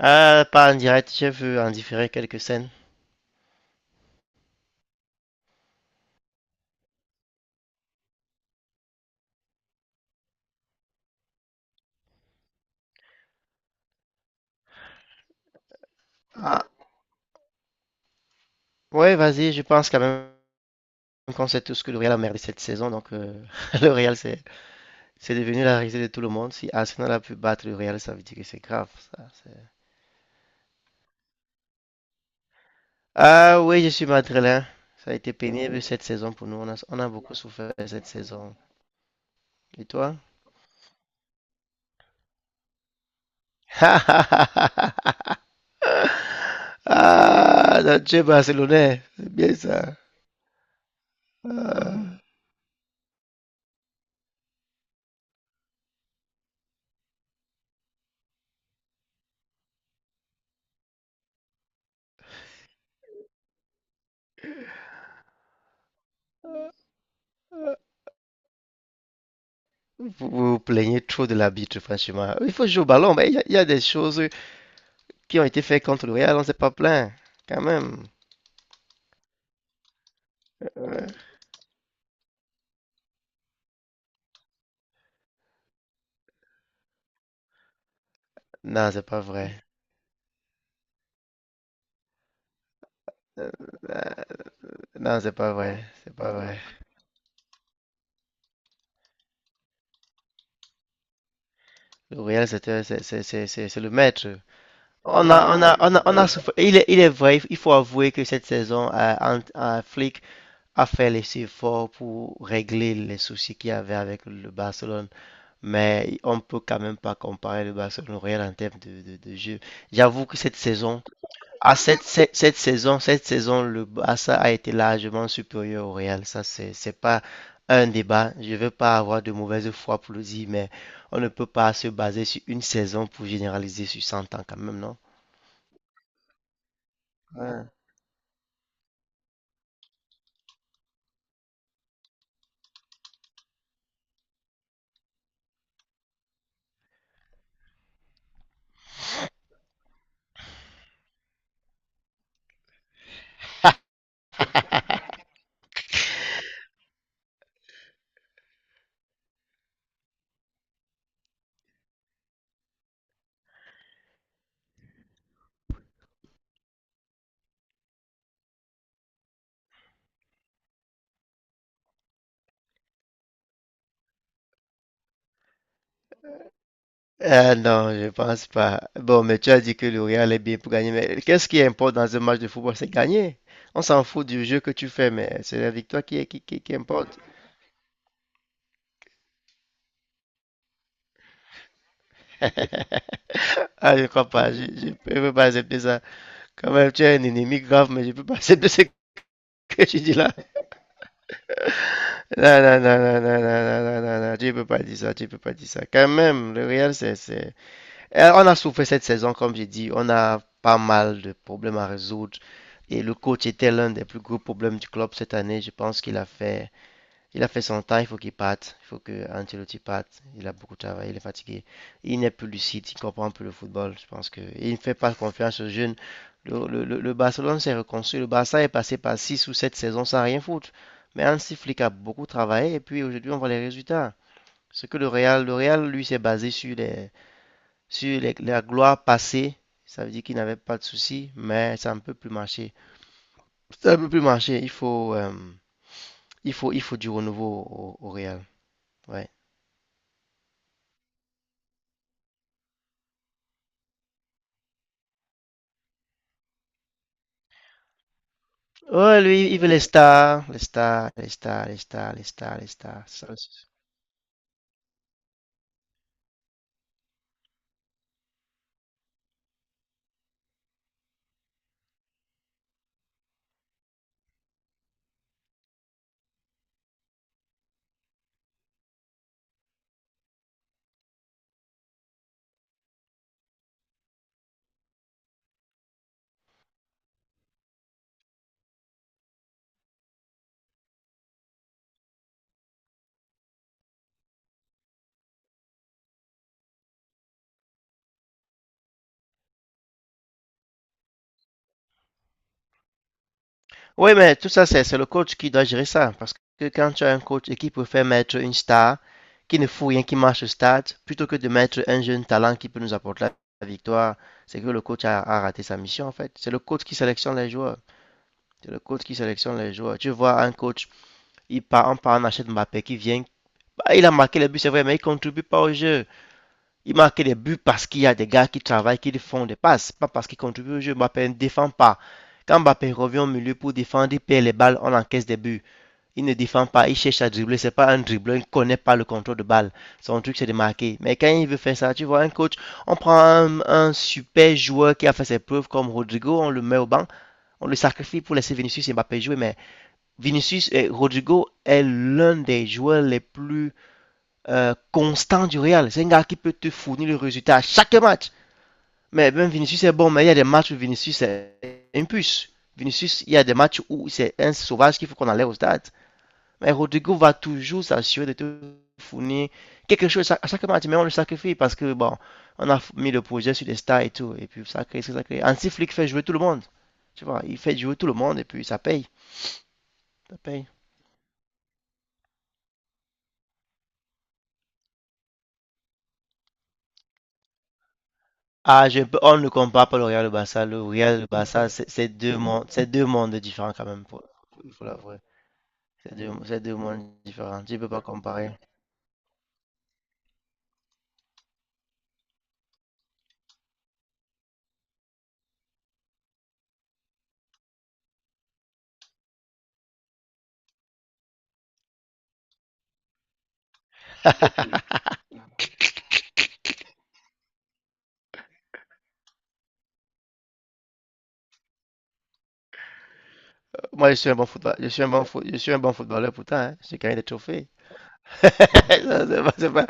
Ah, pas en direct, je veux en différer quelques scènes. Ah, ouais, vas-y, je pense quand même qu'on sait tous que le Real a merdé cette saison, donc le Real c'est devenu la risée de tout le monde. Si Arsenal a pu battre le Real, ça veut dire que c'est grave. Ça, Ah oui, je suis madrilène. Ça a été pénible cette saison pour nous, on a beaucoup souffert cette saison. Et toi? Ah, Nacho est Barcelonais, c'est bien ça. Ah. Vous vous plaignez trop de l'arbitre, franchement. Il faut jouer au ballon, mais il y a des choses qui ont été faites contre le Real, on ne s'est pas plaint, quand même. Euh, non, c'est pas vrai. Euh, non, c'est pas vrai. C'est pas vrai. Le Real, c'est le maître. On a souffert. Il est vrai, il faut avouer que cette saison, Flick a fait les efforts pour régler les soucis qu'il y avait avec le Barcelone. Mais on ne peut quand même pas comparer le Barcelone au Real en termes de, de jeu. J'avoue que cette saison, cette saison, le Barça a été largement supérieur au Real. Ça, c'est pas un débat. Je ne veux pas avoir de mauvaise foi pour le dire, mais on ne peut pas se baser sur une saison pour généraliser sur 100 ans quand même, non? Ouais. Ah non, je pense pas. Bon, mais tu as dit que le Real est bien pour gagner, mais qu'est-ce qui importe dans un match de football? C'est gagner. On s'en fout du jeu que tu fais, mais c'est la victoire qui importe. Ah, je crois pas. Je peux pas accepter ça. Quand même, tu es un ennemi grave, mais je ne peux pas accepter ce que tu dis là. Non, non, non, non, non, non, non, non, non, non, tu ne peux pas dire ça. Tu ne peux pas dire ça. Quand même, le Real, c'est. Eh, on a souffert cette saison, comme j'ai dit. On a pas mal de problèmes à résoudre. Et le coach était l'un des plus gros problèmes du club cette année. Je pense qu'il a fait Il a fait son temps, il faut qu'il parte. Il faut que Ancelotti parte. Il a beaucoup travaillé, il est fatigué. Il n'est plus lucide, il comprend plus le football. Je pense que il ne fait pas confiance aux jeunes. Le Barcelone s'est reconstruit. Le Barça est passé par 6 ou 7 saisons sans rien foutre. Mais Hansi Flick a beaucoup travaillé et puis aujourd'hui on voit les résultats. Ce que le Real lui s'est basé sur les, la gloire passée. Ça veut dire qu'il n'avait pas de soucis, mais ça ne peut plus marcher. Ça ne peut plus marcher. Il faut du renouveau au, au Real. Ouais. Ouais, lui, il veut les stars, les stars, les stars, les stars, les stars, les stars. Ça, c'est- Ouais, mais tout ça, c'est le coach qui doit gérer ça. Parce que quand tu as un coach et qui préfère mettre une star qui ne fout rien, qui marche au stade, plutôt que de mettre un jeune talent qui peut nous apporter la victoire, c'est que le coach a raté sa mission en fait. C'est le coach qui sélectionne les joueurs. C'est le coach qui sélectionne les joueurs. Tu vois un coach, il part, on part, on achète Mbappé qui vient. Bah, il a marqué les buts, c'est vrai, mais il contribue pas au jeu. Il marque des buts parce qu'il y a des gars qui travaillent, qui font des passes, pas parce qu'ils contribuent au jeu. Mbappé ne défend pas. Quand Mbappé revient au milieu pour défendre, il perd les balles, on encaisse des buts. Il ne défend pas, il cherche à dribbler. C'est pas un dribbleur, il ne connaît pas le contrôle de balle. Son truc, c'est de marquer. Mais quand il veut faire ça, tu vois, un coach, on prend un super joueur qui a fait ses preuves comme Rodrigo, on le met au banc, on le sacrifie pour laisser Vinicius et Mbappé jouer. Mais Vinicius et Rodrigo est l'un des joueurs les plus constant du Real. C'est un gars qui peut te fournir le résultat à chaque match. Mais même Vinicius est bon, mais il y a des matchs où Vinicius est une puce. Vinicius, il y a des matchs où c'est un sauvage qu'il faut qu'on allait au stade. Mais Rodrigo va toujours s'assurer de te fournir quelque chose à chaque match, mais on le sacrifie parce que bon, on a mis le projet sur les stars et tout, et puis ça crée. Anti-Flick fait jouer tout le monde, tu vois, il fait jouer tout le monde et puis ça paye. Ah, je peux- on ne compare pas le Real et le Barça. Le Real et le Barça, c'est deux mondes différents quand même, pour, faut l'avouer. C'est deux mondes différents. Tu peux pas comparer. Moi, je suis un bon football, je suis un bon footballeur pourtant. Hein. J'ai gagné des trophées. Ça, C'est pas, c'est pas,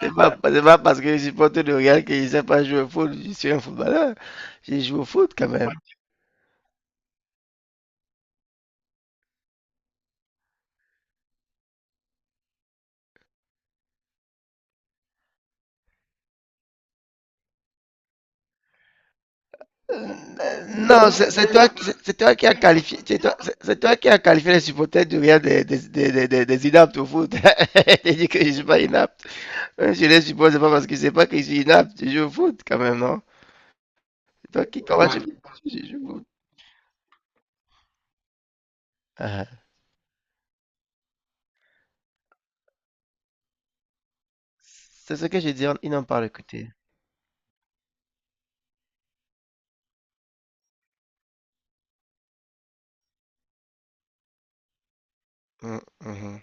c'est pas, c'est pas parce que je supporte le Real que je sais pas jouer au foot. Je suis un footballeur. J'ai joué au foot quand même. Non, toi qui as qualifié, toi qui a qualifié les supporters du Real des, des inaptes au foot. Tu dis que je suis pas inapte. Même si je les supporte, c'est pas que je suis inapte, je joue au foot quand même, non? C'est toi qui, comment tu, Ouais. Je joue au foot. Ah, c'est ce que j'ai dit, ils n'ont pas écouté. Mm, mhm,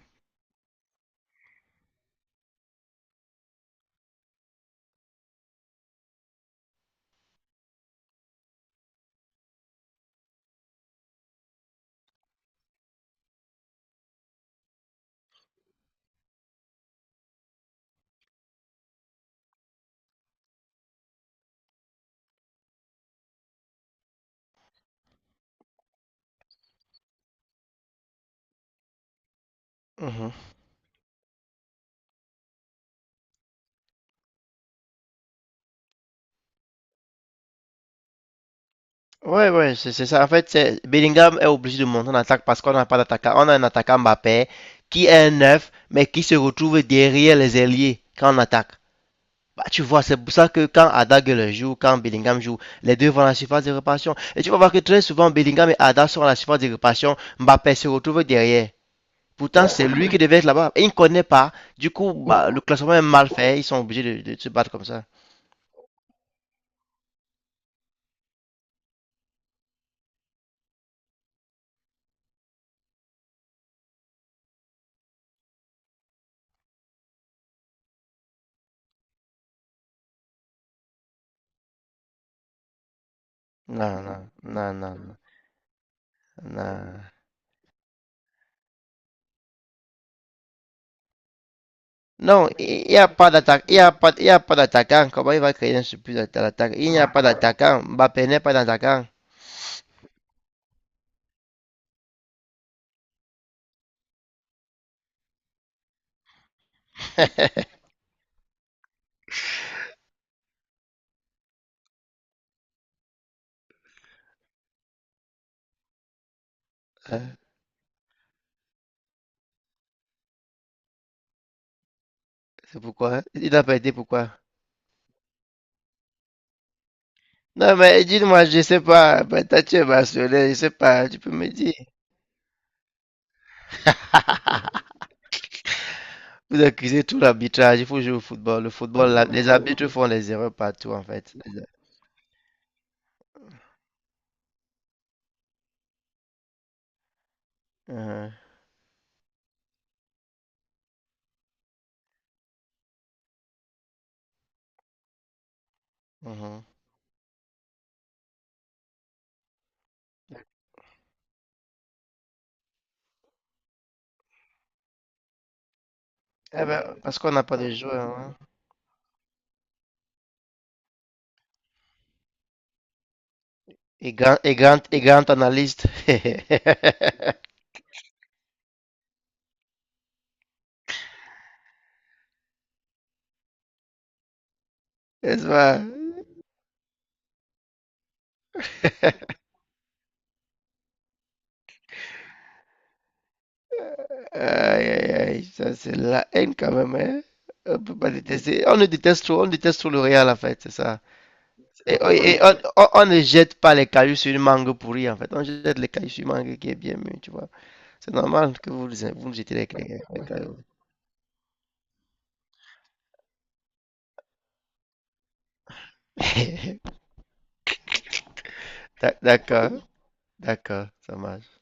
mhm. Ouais, ouais, c'est ça. En fait, c'est- Bellingham est obligé de monter en attaque parce qu'on n'a pas d'attaquant. On a un attaquant Mbappé qui est un neuf, mais qui se retrouve derrière les ailiers quand on attaque. Bah, tu vois, c'est pour ça que quand Ada le joue, quand Bellingham joue, les deux vont à la surface de réparation. Et tu vas voir que très souvent, Bellingham et Ada sont à la surface de réparation. Mbappé se retrouve derrière. Pourtant, c'est lui qui devait être là-bas. Et il ne connaît pas. Du coup, bah, le classement est mal fait. Ils sont obligés de se battre comme ça. Non, non, non, non, non. Non, il n'y a pas d'attaque. Il y a pas d'attaquant. Comment il va créer un surplus à l'attaque? Il n'y a pas d'attaquant. Mbappé n'est pas d'attaquant. C'est pourquoi? Hein? Il n'a pas été pourquoi? Non, mais dis-moi, je sais pas, peut-être tu es Barcelonais, je sais pas, tu peux me dire. Vous accusez tout l'arbitrage, il faut jouer au football. Le football, la- les arbitres font les erreurs partout, en fait. Les mhm, mhm. Eh ben, parce qu'on n'a pas de joueurs, hein. Et grand, et grand, et grand analyste. N'est-ce pas? Aïe, aïe, aïe, ça c'est la haine quand même, hein. On peut pas détester. On le déteste trop, on déteste trop le Real, en fait, c'est ça. Et- on ne jette pas les cailloux sur une mangue pourrie, en fait. On jette les cailloux sur une mangue qui est bien mûre, tu vois. C'est normal que vous, vous jetez les, cailloux. D'accord, d'accord, ça marche.